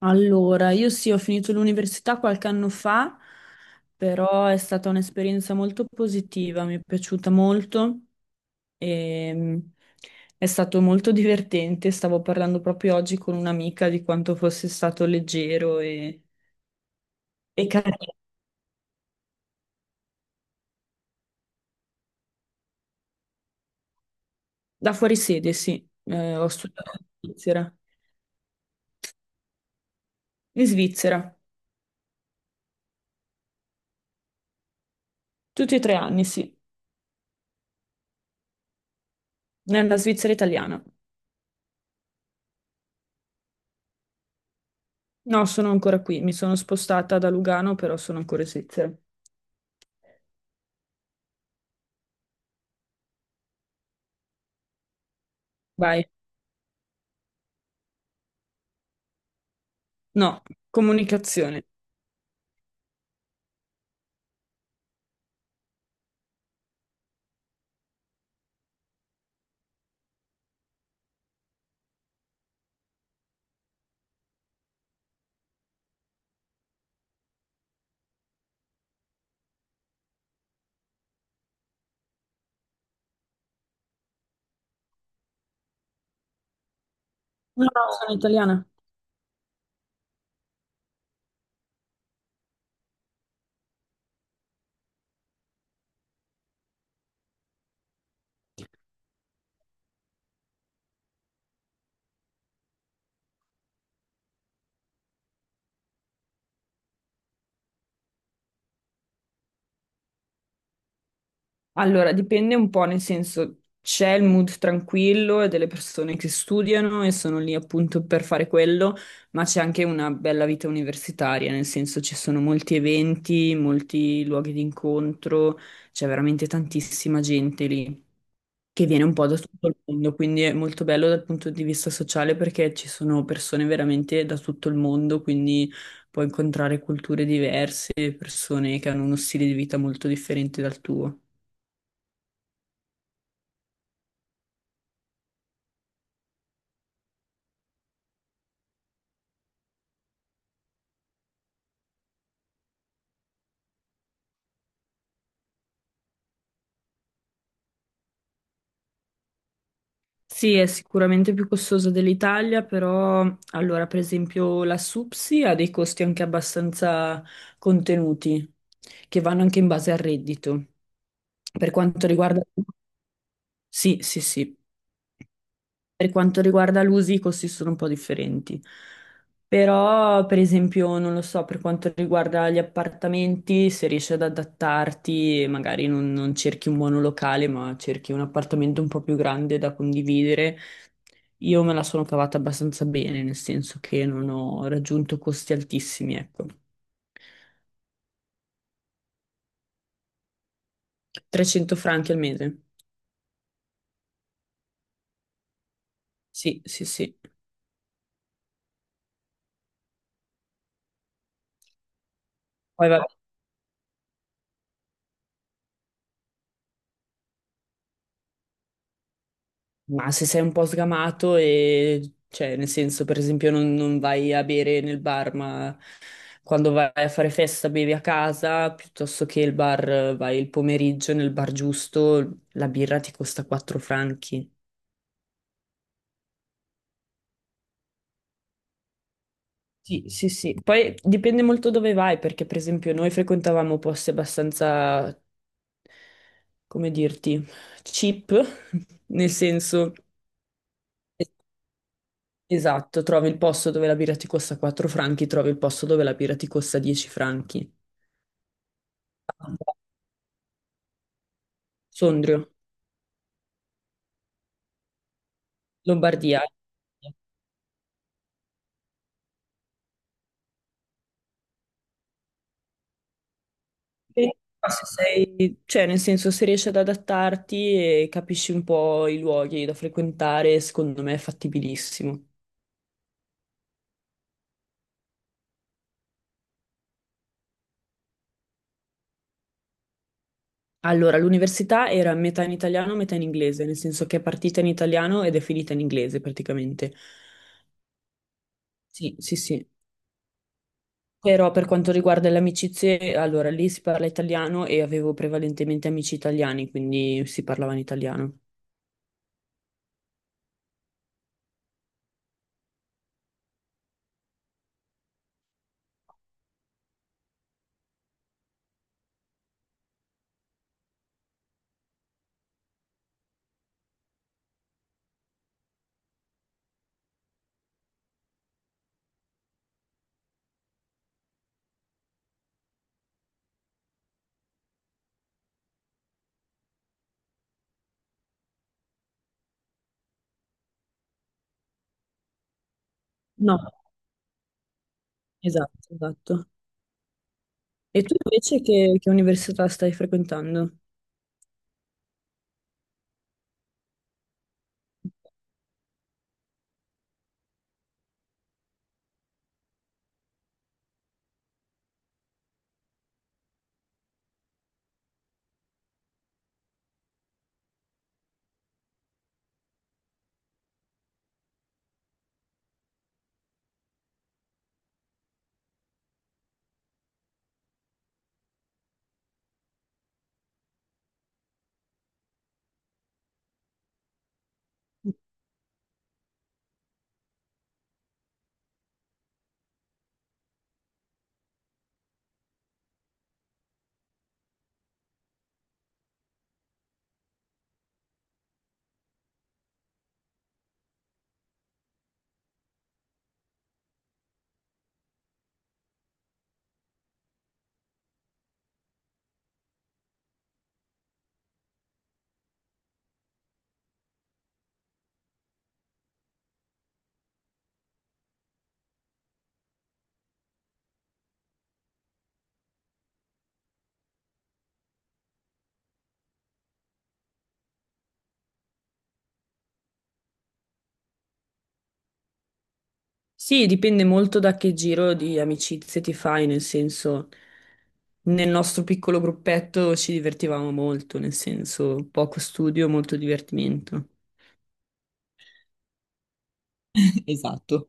Allora, io sì, ho finito l'università qualche anno fa, però è stata un'esperienza molto positiva, mi è piaciuta molto e è stato molto divertente. Stavo parlando proprio oggi con un'amica di quanto fosse stato leggero e carino. Da fuori sede, sì. Ho studiato in Svizzera. In Svizzera, tutti e tre anni, sì, nella Svizzera italiana. No, sono ancora qui, mi sono spostata da Lugano, però sono ancora in Svizzera. Vai. No, comunicazione. No, no, sono italiana. Allora, dipende un po', nel senso, c'è il mood tranquillo e delle persone che studiano e sono lì appunto per fare quello, ma c'è anche una bella vita universitaria, nel senso ci sono molti eventi, molti luoghi di incontro, c'è veramente tantissima gente lì, che viene un po' da tutto il mondo, quindi è molto bello dal punto di vista sociale perché ci sono persone veramente da tutto il mondo, quindi puoi incontrare culture diverse, persone che hanno uno stile di vita molto differente dal tuo. Sì, è sicuramente più costoso dell'Italia, però allora per esempio la SUPSI ha dei costi anche abbastanza contenuti, che vanno anche in base al reddito. Per quanto riguarda... Sì, sì, sì. Per quanto riguarda l'uso, i costi sono un po' differenti. Però, per esempio, non lo so, per quanto riguarda gli appartamenti, se riesci ad adattarti, magari non cerchi un monolocale, ma cerchi un appartamento un po' più grande da condividere. Io me la sono cavata abbastanza bene, nel senso che non ho raggiunto costi altissimi, ecco. 300 franchi al mese. Sì, sì, sì. Poi vabbè, ma se sei un po' sgamato e, cioè, nel senso, per esempio, non vai a bere nel bar, ma quando vai a fare festa bevi a casa, piuttosto che il bar, vai il pomeriggio nel bar giusto, la birra ti costa 4 franchi. Sì, sì, sì. Poi dipende molto dove vai, perché per esempio noi frequentavamo posti abbastanza, come dirti, cheap, nel senso... Esatto, trovi il posto dove la birra ti costa 4 franchi, trovi il posto dove la birra ti costa 10 franchi. Sondrio, Lombardia. E se sei, cioè, nel senso, se riesci ad adattarti e capisci un po' i luoghi da frequentare, secondo me è fattibilissimo. Allora, l'università era metà in italiano, metà in inglese, nel senso che è partita in italiano ed è finita in inglese praticamente. Sì, sì, sì. Però per quanto riguarda le amicizie, allora lì si parla italiano e avevo prevalentemente amici italiani, quindi si parlava in italiano. No, esatto, esatto. E tu invece che università stai frequentando? Sì, dipende molto da che giro di amicizie ti fai, nel senso, nel nostro piccolo gruppetto ci divertivamo molto, nel senso, poco studio, molto divertimento. Esatto.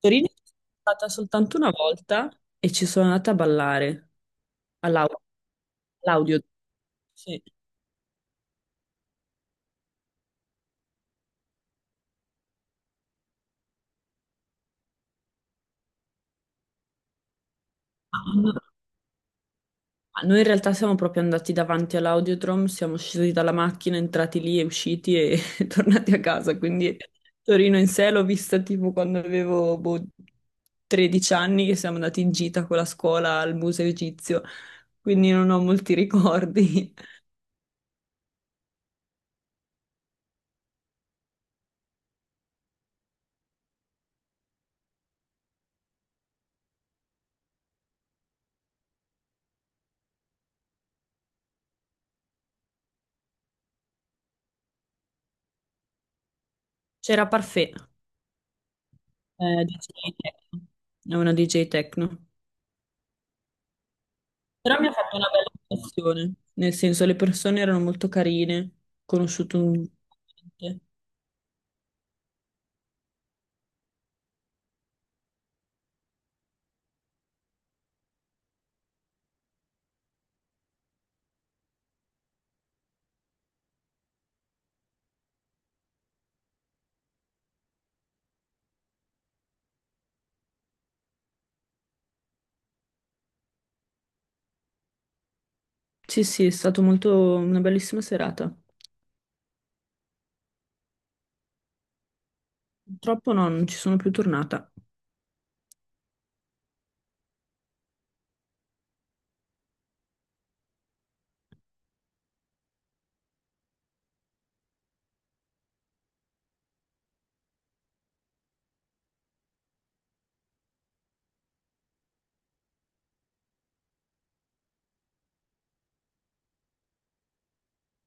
Torino? Sono stata soltanto una volta e ci sono andata a ballare all'aula. L'audio, sì. Ah, noi in realtà siamo proprio andati davanti all'audiodrome, siamo scesi dalla macchina, entrati lì e usciti e tornati a casa. Quindi Torino in sé l'ho vista tipo quando avevo boh, 13 anni, che siamo andati in gita con la scuola al Museo Egizio, quindi non ho molti ricordi. C'era Parfait, DJ Techno. È una DJ Techno. Però mi ha fatto una bella impressione, nel senso le persone erano molto carine, ho conosciuto un... Sì, sì, è stata molto una bellissima serata. Purtroppo no, non ci sono più tornata.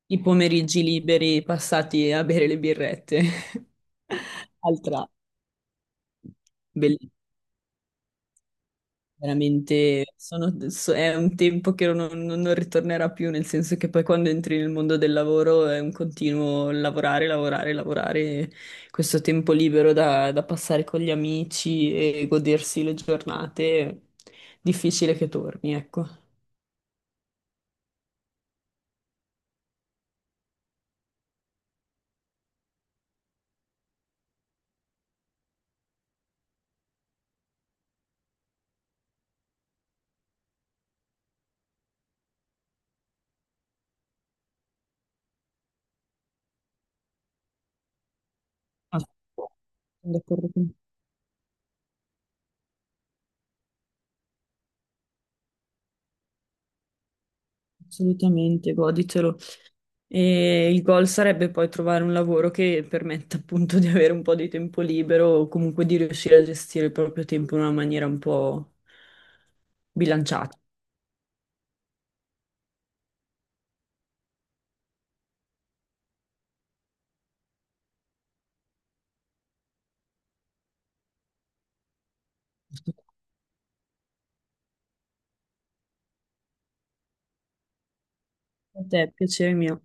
I pomeriggi liberi passati a bere le birrette. Altra, bellissima, veramente. Sono- so- è un tempo che non ritornerà più, nel senso che poi quando entri nel mondo del lavoro è un continuo lavorare, lavorare, lavorare. Questo tempo libero da passare con gli amici e godersi le giornate, difficile che torni, ecco. Ah, sono d'accordo con te, assolutamente, goditelo. E il goal sarebbe poi trovare un lavoro che permetta appunto di avere un po' di tempo libero o comunque di riuscire a gestire il proprio tempo in una maniera un po' bilanciata. È piacere mio.